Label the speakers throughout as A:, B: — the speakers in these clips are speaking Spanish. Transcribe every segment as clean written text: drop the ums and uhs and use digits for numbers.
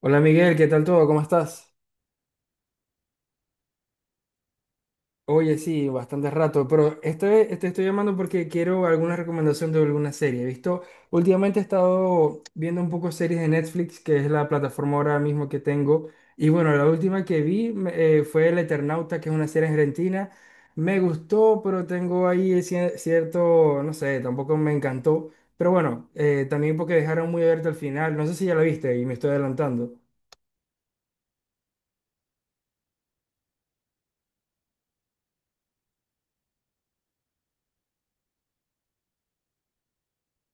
A: Hola Miguel, ¿qué tal todo? ¿Cómo estás? Oye, sí, bastante rato, pero te estoy llamando porque quiero alguna recomendación de alguna serie. He visto, últimamente he estado viendo un poco series de Netflix, que es la plataforma ahora mismo que tengo. Y bueno, la última que vi fue El Eternauta, que es una serie argentina. Me gustó, pero tengo ahí cierto, no sé, tampoco me encantó. Pero bueno, también porque dejaron muy abierto al final. No sé si ya la viste y me estoy adelantando.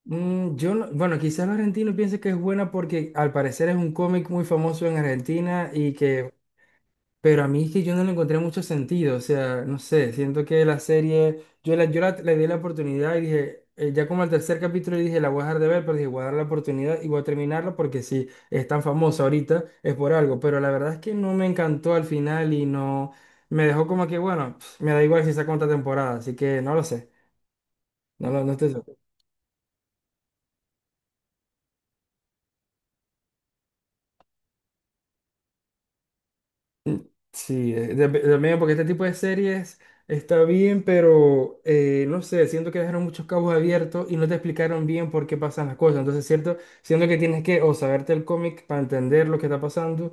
A: Mm, yo no- Bueno, quizás los argentinos piensen que es buena porque al parecer es un cómic muy famoso en Argentina y que, pero a mí es que yo no le encontré mucho sentido, o sea, no sé, siento que la serie, le di la oportunidad y dije, ya como al tercer capítulo dije, la voy a dejar de ver, pero dije, voy a dar la oportunidad y voy a terminarla porque si es tan famosa ahorita es por algo, pero la verdad es que no me encantó al final y no, me dejó como que, bueno, pf, me da igual si saca otra temporada, así que no lo sé, no, no estoy seguro. Sí, también porque este tipo de series está bien, pero no sé, siento que dejaron muchos cabos abiertos y no te explicaron bien por qué pasan las cosas. Entonces, cierto, siento que tienes que o saberte el cómic para entender lo que está pasando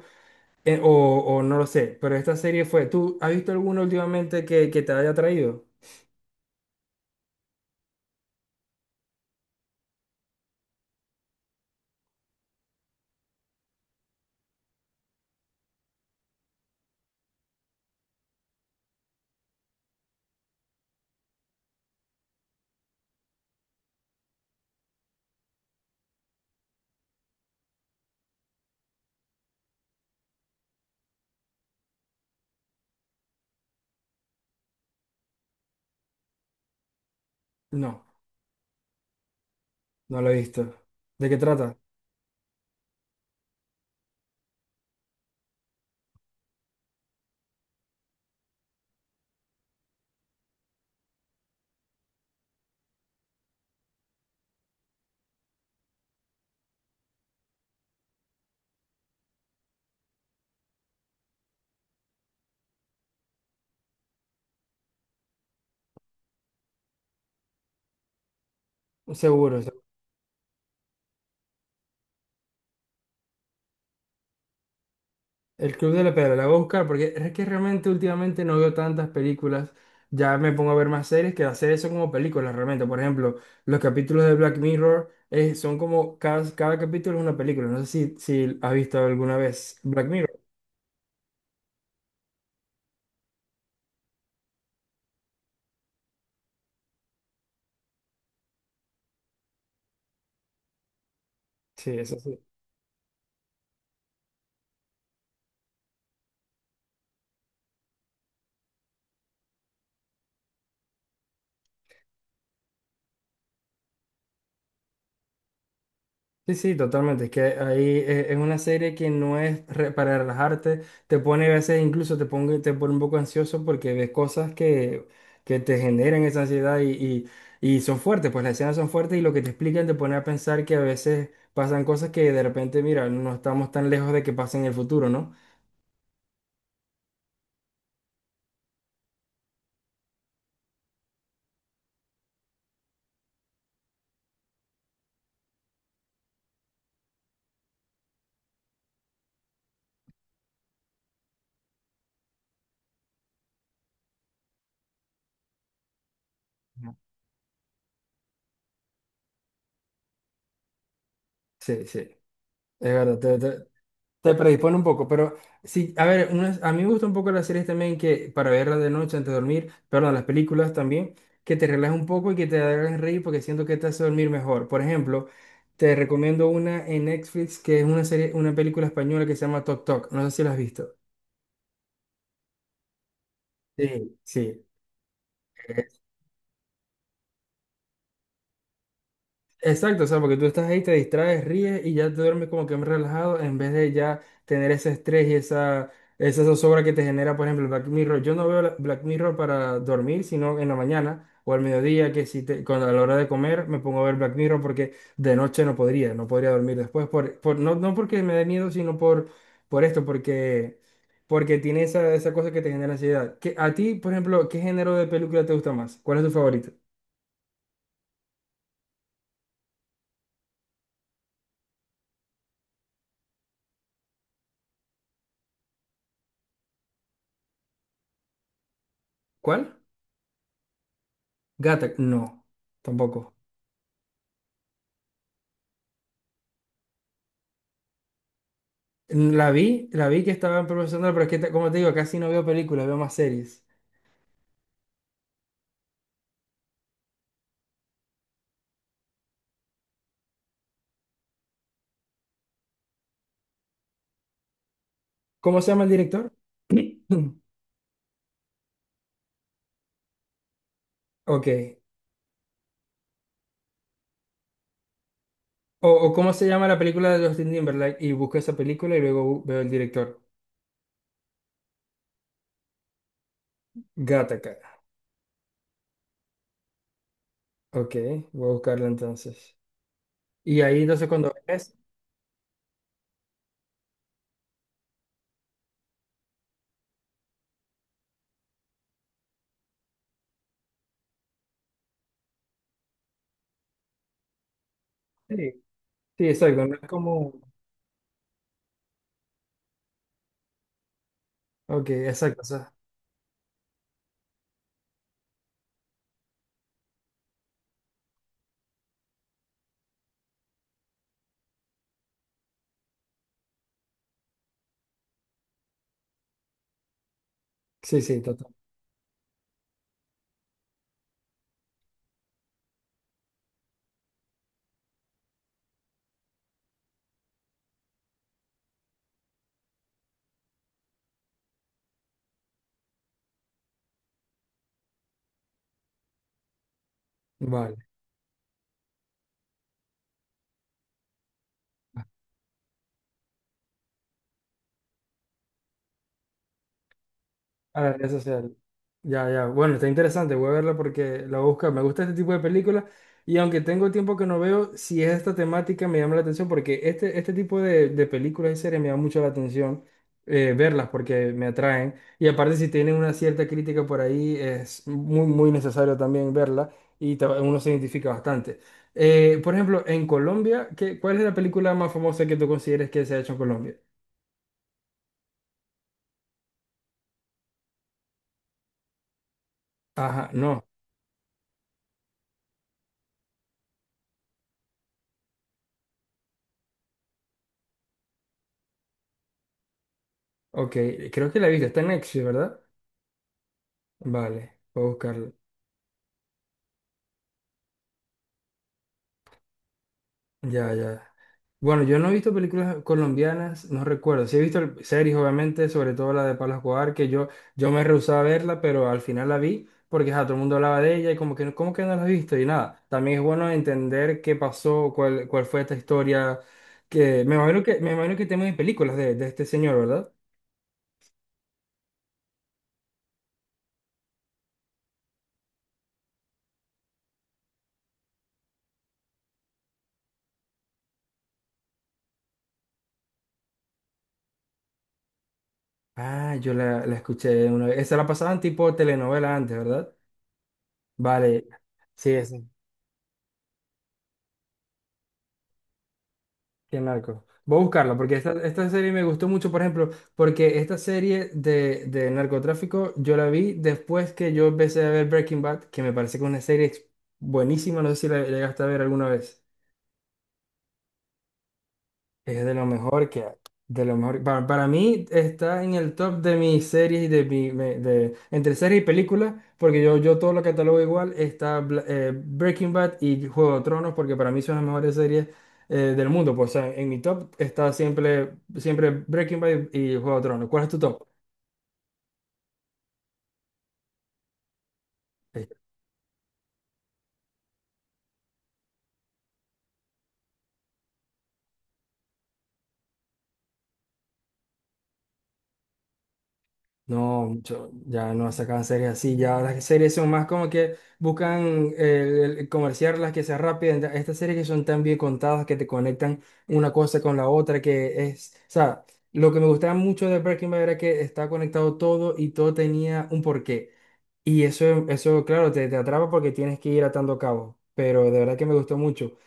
A: eh, o, o no lo sé. Pero esta serie fue, ¿tú has visto alguna últimamente que te haya traído? No, no lo he visto. ¿De qué trata? Seguro. El Club de la Pedra, la voy a buscar porque es que realmente últimamente no veo tantas películas. Ya me pongo a ver más series que hacer eso como películas realmente. Por ejemplo, los capítulos de Black Mirror son como cada capítulo es una película. No sé si, si has visto alguna vez Black Mirror. Sí, eso sí. Sí, sí, totalmente. Es que ahí es una serie que no es re- para relajarte, te pone a veces incluso te pone un poco ansioso porque ves cosas que te generan esa ansiedad y son fuertes, pues las escenas son fuertes y lo que te explican te pone a pensar que a veces pasan cosas que de repente, mira, no estamos tan lejos de que pasen en el futuro, ¿no? Ujú. Sí, sí, es verdad. Te predispone un poco, pero sí, a ver, a mí me gusta un poco las series también que para verlas de noche antes de dormir, perdón, las películas también, que te relajes un poco y que te hagan reír porque siento que te hace dormir mejor. Por ejemplo, te recomiendo una en Netflix que es una serie, una película española que se llama Tok Tok, no sé si la has visto. Sí, sí. Exacto, o sea, porque tú estás ahí, te distraes, ríes y ya te duermes como que más relajado en vez de ya tener ese estrés y esa zozobra que te genera, por ejemplo, el Black Mirror. Yo no veo la- Black Mirror para dormir, sino en la mañana o al mediodía, que si te, cuando a la hora de comer me pongo a ver Black Mirror porque de noche no podría, no podría dormir después, no, no porque me dé miedo, sino por esto, porque, porque tiene esa, esa cosa que te genera ansiedad. ¿A ti, por ejemplo, qué género de película te gusta más? ¿Cuál es tu favorito? ¿Cuál? Gata, no, tampoco. La vi que estaban promocionando, pero es que, como te digo, casi no veo películas, veo más series. ¿Cómo se llama el director? Ok. O cómo se llama la película de Justin Timberlake y busco esa película y luego veo el director. Gattaca. Ok, voy a buscarla entonces. Y ahí entonces cuando ves... Sí, sí, exacto. No es como... Ok, exacto. O sea, sí, sí, total. Vale. A las redes sociales. Ya, ya. Bueno, está interesante. Voy a verla porque la busca. Me gusta este tipo de películas. Y aunque tengo tiempo que no veo, si es esta temática me llama la atención porque este tipo de películas y series me llama mucho la atención verlas porque me atraen. Y aparte, si tienen una cierta crítica por ahí, es muy, muy necesario también verla y uno se identifica bastante. Por ejemplo, en Colombia, ¿cuál es la película más famosa que tú consideres que se ha hecho en Colombia? Ajá, no. Ok, creo que la he visto. Está en Netflix, ¿verdad? Vale, voy a buscarla. Ya, ya. Bueno, yo no he visto películas colombianas, no recuerdo. Sí he visto series, obviamente, sobre todo la de Pablo Escobar, que yo me rehusaba a verla, pero al final la vi porque ja, todo el mundo hablaba de ella y como que, ¿cómo que no la has visto? Y nada, también es bueno entender qué pasó, cuál fue esta historia, que me imagino que, me imagino que tenemos películas de este señor, ¿verdad? Ah, yo la escuché una vez. Esa la pasaban tipo telenovela antes, ¿verdad? Vale. Sí, esa. Qué narco. Voy a buscarlo porque esta serie me gustó mucho, por ejemplo, porque esta serie de narcotráfico yo la vi después que yo empecé a ver Breaking Bad, que me parece que es una serie buenísima, no sé si la llegaste a ver alguna vez. Es de lo mejor que hay. De lo mejor. Para mí está en el top de mis series y de mi. Entre series y películas, porque yo todo lo catalogo igual. Está Breaking Bad y Juego de Tronos, porque para mí son las mejores series del mundo. Pues, o sea, en mi top está siempre, siempre Breaking Bad y Juego de Tronos. ¿Cuál es tu top? No, mucho, ya no sacan series así, ya las series son más como que buscan el comerciar las que sean rápidas, estas series que son tan bien contadas que te conectan una cosa con la otra, que es, o sea, lo que me gustaba mucho de Breaking Bad era que estaba conectado todo y todo tenía un porqué. Y eso claro, te atrapa porque tienes que ir atando cabos, pero de verdad que me gustó mucho.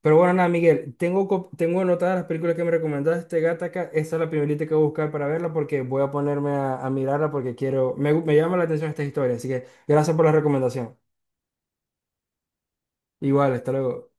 A: Pero bueno, nada, Miguel, tengo anotadas las películas que me recomendaste, Gattaca. Esa es la primerita que voy a buscar para verla porque voy a ponerme a mirarla porque quiero, me llama la atención esta historia. Así que gracias por la recomendación. Igual, hasta luego.